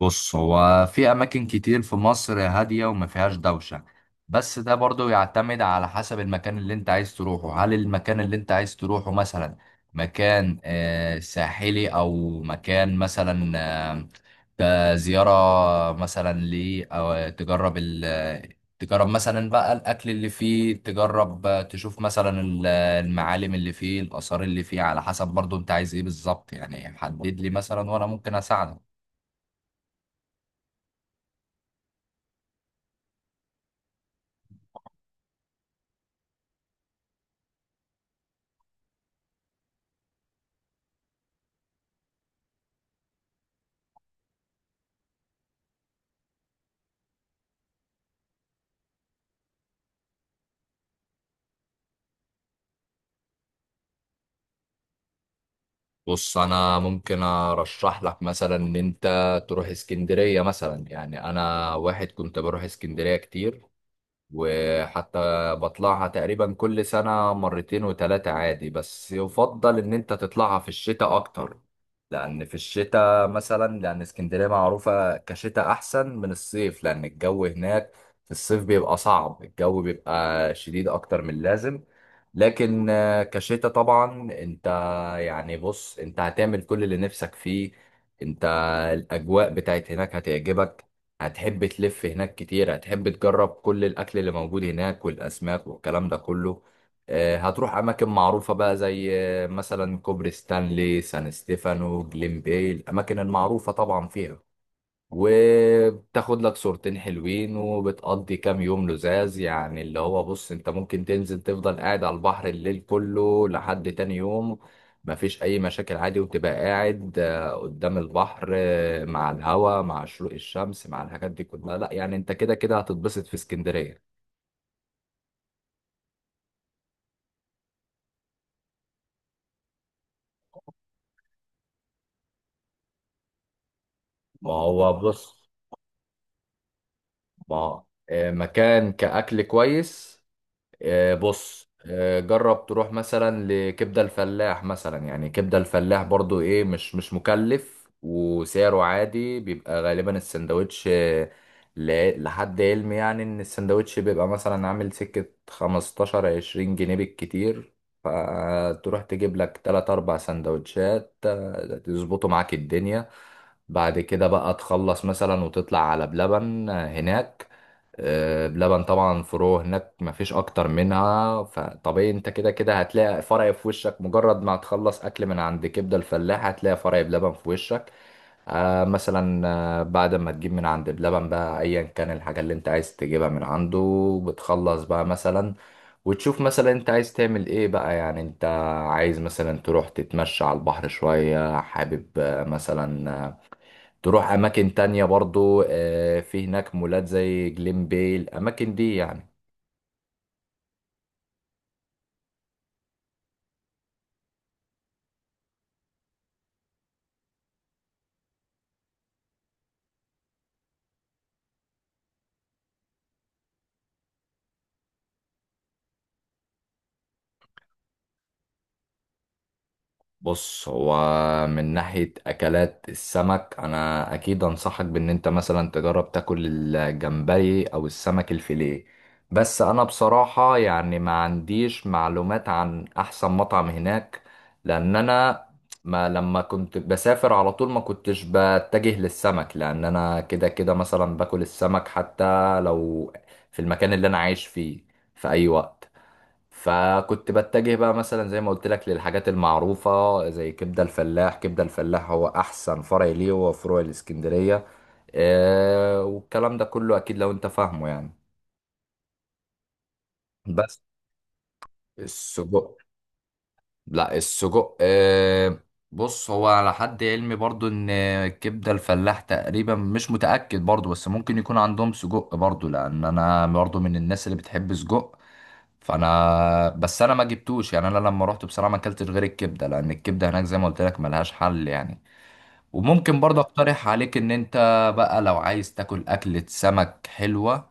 بص، هو في أماكن كتير في مصر هادية وما فيهاش دوشة. بس ده برضو يعتمد على حسب المكان اللي أنت عايز تروحه. هل المكان اللي أنت عايز تروحه مثلا مكان ساحلي، أو مكان مثلا زيارة مثلا ليه، أو تجرب مثلا بقى الأكل اللي فيه، تجرب تشوف مثلا المعالم اللي فيه، الآثار اللي فيه، على حسب برضو أنت عايز إيه بالظبط. يعني حدد لي مثلا وأنا ممكن أساعدك. بص، انا ممكن ارشح لك مثلا ان انت تروح اسكندريه مثلا. يعني انا واحد كنت بروح اسكندريه كتير، وحتى بطلعها تقريبا كل سنة مرتين وتلاتة عادي. بس يفضل إن أنت تطلعها في الشتاء أكتر، لأن في الشتاء مثلا، لأن اسكندرية معروفة كشتاء أحسن من الصيف، لأن الجو هناك في الصيف بيبقى صعب، الجو بيبقى شديد أكتر من اللازم. لكن كشتاء طبعا أنت يعني، بص، أنت هتعمل كل اللي نفسك فيه. أنت، الأجواء بتاعت هناك هتعجبك، هتحب تلف هناك كتير، هتحب تجرب كل الأكل اللي موجود هناك والأسماك والكلام ده كله. هتروح أماكن معروفة بقى زي مثلا كوبري ستانلي، سان ستيفانو، جليم باي، الأماكن المعروفة طبعا فيها. وبتاخد لك صورتين حلوين، وبتقضي كام يوم لزاز. يعني اللي هو بص، انت ممكن تنزل تفضل قاعد على البحر الليل كله لحد تاني يوم، مفيش اي مشاكل عادي، وتبقى قاعد قدام البحر مع الهوا، مع شروق الشمس، مع الحاجات دي كلها. لا يعني، انت كده كده هتتبسط في اسكندرية. ما هو بص، ما مكان كأكل كويس، بص، جرب تروح مثلا لكبدة الفلاح مثلا. يعني كبدة الفلاح برضو ايه، مش مكلف، وسعره عادي، بيبقى غالبا السندوتش لحد علمي يعني ان السندوتش بيبقى مثلا عامل سكة 15 20 جنيه بالكتير. فتروح تجيب لك 3 4 سندوتشات تظبطوا معاك الدنيا. بعد كده بقى تخلص مثلا، وتطلع على بلبن هناك. بلبن طبعا فروع هناك مفيش اكتر منها، فطبيعي انت كده كده هتلاقي فرع في وشك. مجرد ما هتخلص اكل من عند كبده الفلاح هتلاقي فرع بلبن في وشك. آه مثلا، بعد ما تجيب من عند بلبن بقى ايا كان الحاجه اللي انت عايز تجيبها من عنده، بتخلص بقى مثلا، وتشوف مثلا انت عايز تعمل ايه بقى. يعني انت عايز مثلا تروح تتمشى على البحر شويه، حابب مثلا تروح اماكن تانية برضو، في هناك مولات زي جليم باي، الاماكن دي يعني. بص، هو من ناحية أكلات السمك أنا أكيد أنصحك بإن أنت مثلا تجرب تاكل الجمبري أو السمك الفيليه. بس أنا بصراحة يعني ما عنديش معلومات عن أحسن مطعم هناك، لأن أنا ما لما كنت بسافر على طول ما كنتش بتجه للسمك، لأن أنا كده كده مثلا باكل السمك حتى لو في المكان اللي أنا عايش فيه في أي وقت. فكنت بتجه بقى مثلا زي ما قلت لك للحاجات المعروفة زي كبدة الفلاح. كبدة الفلاح هو أحسن فرع ليه، هو فروع الإسكندرية والكلام ده كله. أكيد لو أنت فاهمه يعني. بس السجق، لا السجق آه، بص، هو على حد علمي برضو إن كبدة الفلاح تقريبا مش متأكد برضو، بس ممكن يكون عندهم سجق برضو، لأن أنا برضو من الناس اللي بتحب سجق. فانا بس انا ما جبتوش. يعني انا لما رحت بصراحه ما اكلتش غير الكبده، لان الكبده هناك زي ما قلت لك ملهاش حل يعني. وممكن برضه اقترح عليك ان انت بقى لو عايز تاكل اكله سمك حلوه،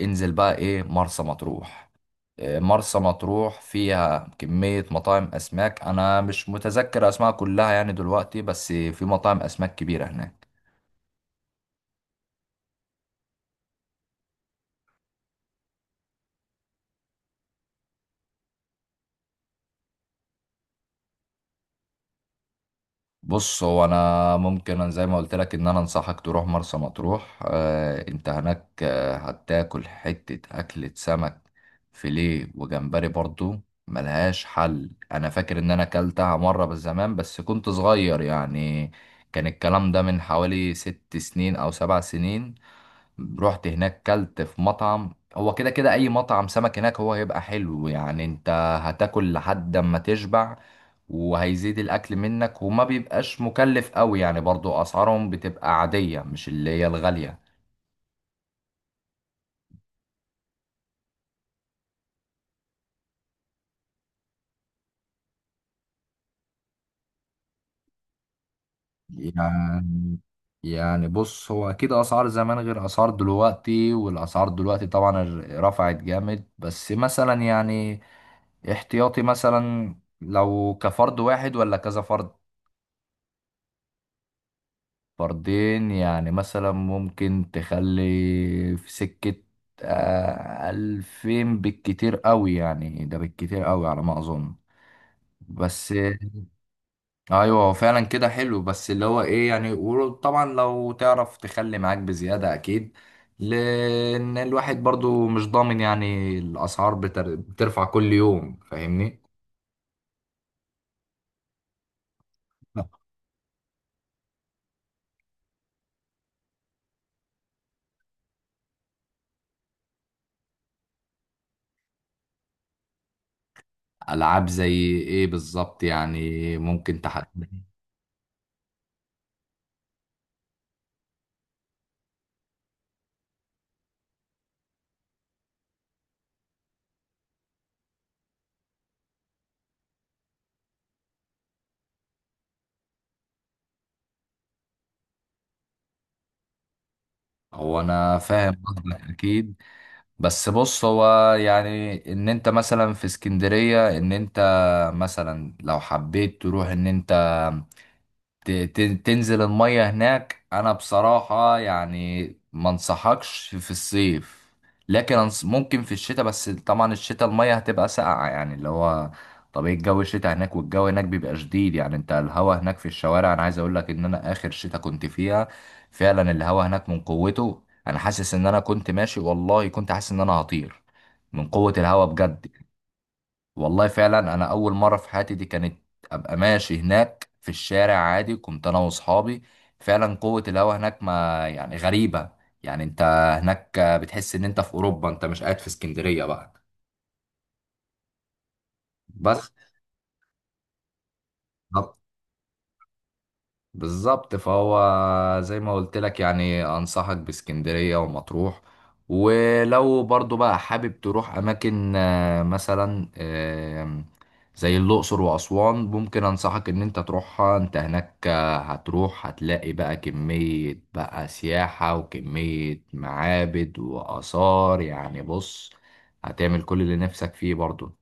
انزل بقى ايه، مرسى مطروح. إيه، مرسى مطروح فيها كميه مطاعم اسماك. انا مش متذكر اسماء كلها يعني دلوقتي، بس في مطاعم اسماك كبيره هناك. بص، هو انا ممكن، أنا زي ما قلت لك ان انا انصحك تروح مرسى مطروح. آه، انت هناك آه هتاكل حتة اكلة سمك فيليه وجمبري برضو، ملهاش حل. انا فاكر ان انا اكلتها مرة بس زمان، بس كنت صغير يعني. كان الكلام ده من حوالي 6 سنين او 7 سنين. رحت هناك كلت في مطعم، هو كده كده اي مطعم سمك هناك هو هيبقى حلو. يعني انت هتاكل لحد ما تشبع، وهيزيد الاكل منك، وما بيبقاش مكلف قوي. يعني برضو اسعارهم بتبقى عادية، مش اللي هي الغالية. يعني يعني بص، هو اكيد اسعار زمان غير اسعار دلوقتي، والاسعار دلوقتي طبعا رفعت جامد. بس مثلا يعني احتياطي مثلا، لو كفرد واحد ولا كذا فرد، فردين يعني، مثلا ممكن تخلي في سكة 2000 بالكتير قوي. يعني ده بالكتير قوي على ما أظن، بس. ايوه، هو فعلا كده حلو، بس اللي هو ايه يعني، وطبعا لو تعرف تخلي معاك بزيادة اكيد، لان الواحد برضو مش ضامن. يعني الاسعار بترفع كل يوم، فاهمني؟ العاب زي ايه بالظبط؟ يعني ممكن تحدد. هو انا فاهم قصدك اكيد، بس بص، هو يعني ان انت مثلا في اسكندرية، ان انت مثلا لو حبيت تروح، ان انت تنزل المية هناك، انا بصراحة يعني ما انصحكش في الصيف. لكن ممكن في الشتاء، بس طبعا الشتاء المية هتبقى ساقعة، يعني اللي هو طبيعي الجو الشتاء هناك. والجو هناك بيبقى شديد. يعني انت الهوا هناك في الشوارع، انا عايز اقول لك ان انا اخر شتاء كنت فيها فعلا الهوا هناك من قوته، انا حاسس ان انا كنت ماشي، والله كنت حاسس ان انا هطير من قوة الهوا بجد. والله فعلا انا اول مره في حياتي دي كانت ابقى ماشي هناك في الشارع عادي، كنت انا واصحابي. فعلا قوه الهواء هناك ما يعني غريبه. يعني انت هناك بتحس ان انت في اوروبا، انت مش قاعد في اسكندريه بقى، بس. بالظبط، فهو زي ما قلت لك يعني، انصحك باسكندرية ومطروح. ولو برضو بقى حابب تروح اماكن مثلا، زي الاقصر واسوان، ممكن انصحك ان انت تروحها. انت هناك هتروح هتلاقي بقى كمية بقى سياحة وكمية معابد واثار. يعني بص، هتعمل كل اللي نفسك فيه برضو.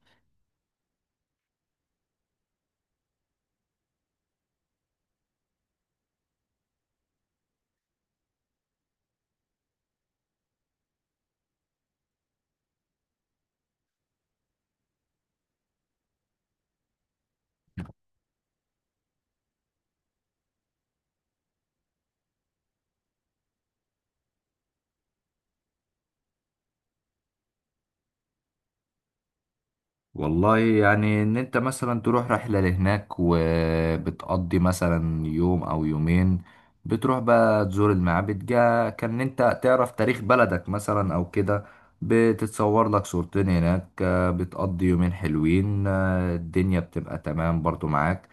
والله، يعني ان انت مثلا تروح رحلة لهناك وبتقضي مثلا يوم او يومين، بتروح بقى تزور المعابد، جا كان انت تعرف تاريخ بلدك مثلا او كده، بتتصور لك صورتين هناك، بتقضي يومين حلوين، الدنيا بتبقى تمام برضو معاك.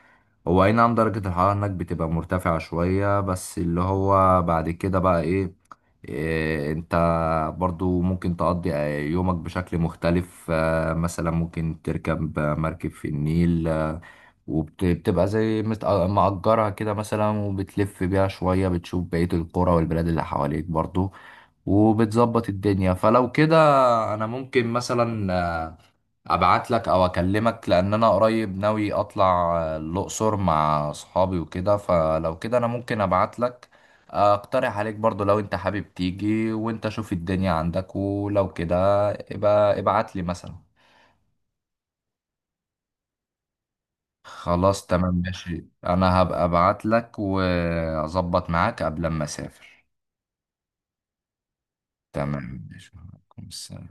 هو اي نعم درجة الحرارة هناك بتبقى مرتفعة شوية، بس اللي هو بعد كده بقى ايه. إيه، انت برضو ممكن تقضي يومك بشكل مختلف، مثلا ممكن تركب مركب في النيل، وبتبقى زي مأجرها كده مثلا، وبتلف بيها شوية، بتشوف بقية القرى والبلاد اللي حواليك برضو، وبتظبط الدنيا. فلو كده، أنا ممكن مثلا ابعت لك او اكلمك، لان انا قريب ناوي اطلع الاقصر مع اصحابي وكده. فلو كده انا ممكن ابعت لك، اقترح عليك برضو لو انت حابب تيجي، وانت شوف الدنيا عندك، ولو كده ابقى ابعت لي مثلا. خلاص، تمام ماشي، انا هبقى ابعت لك واظبط معاك قبل ما اسافر. تمام ماشي، وعليكم السلام.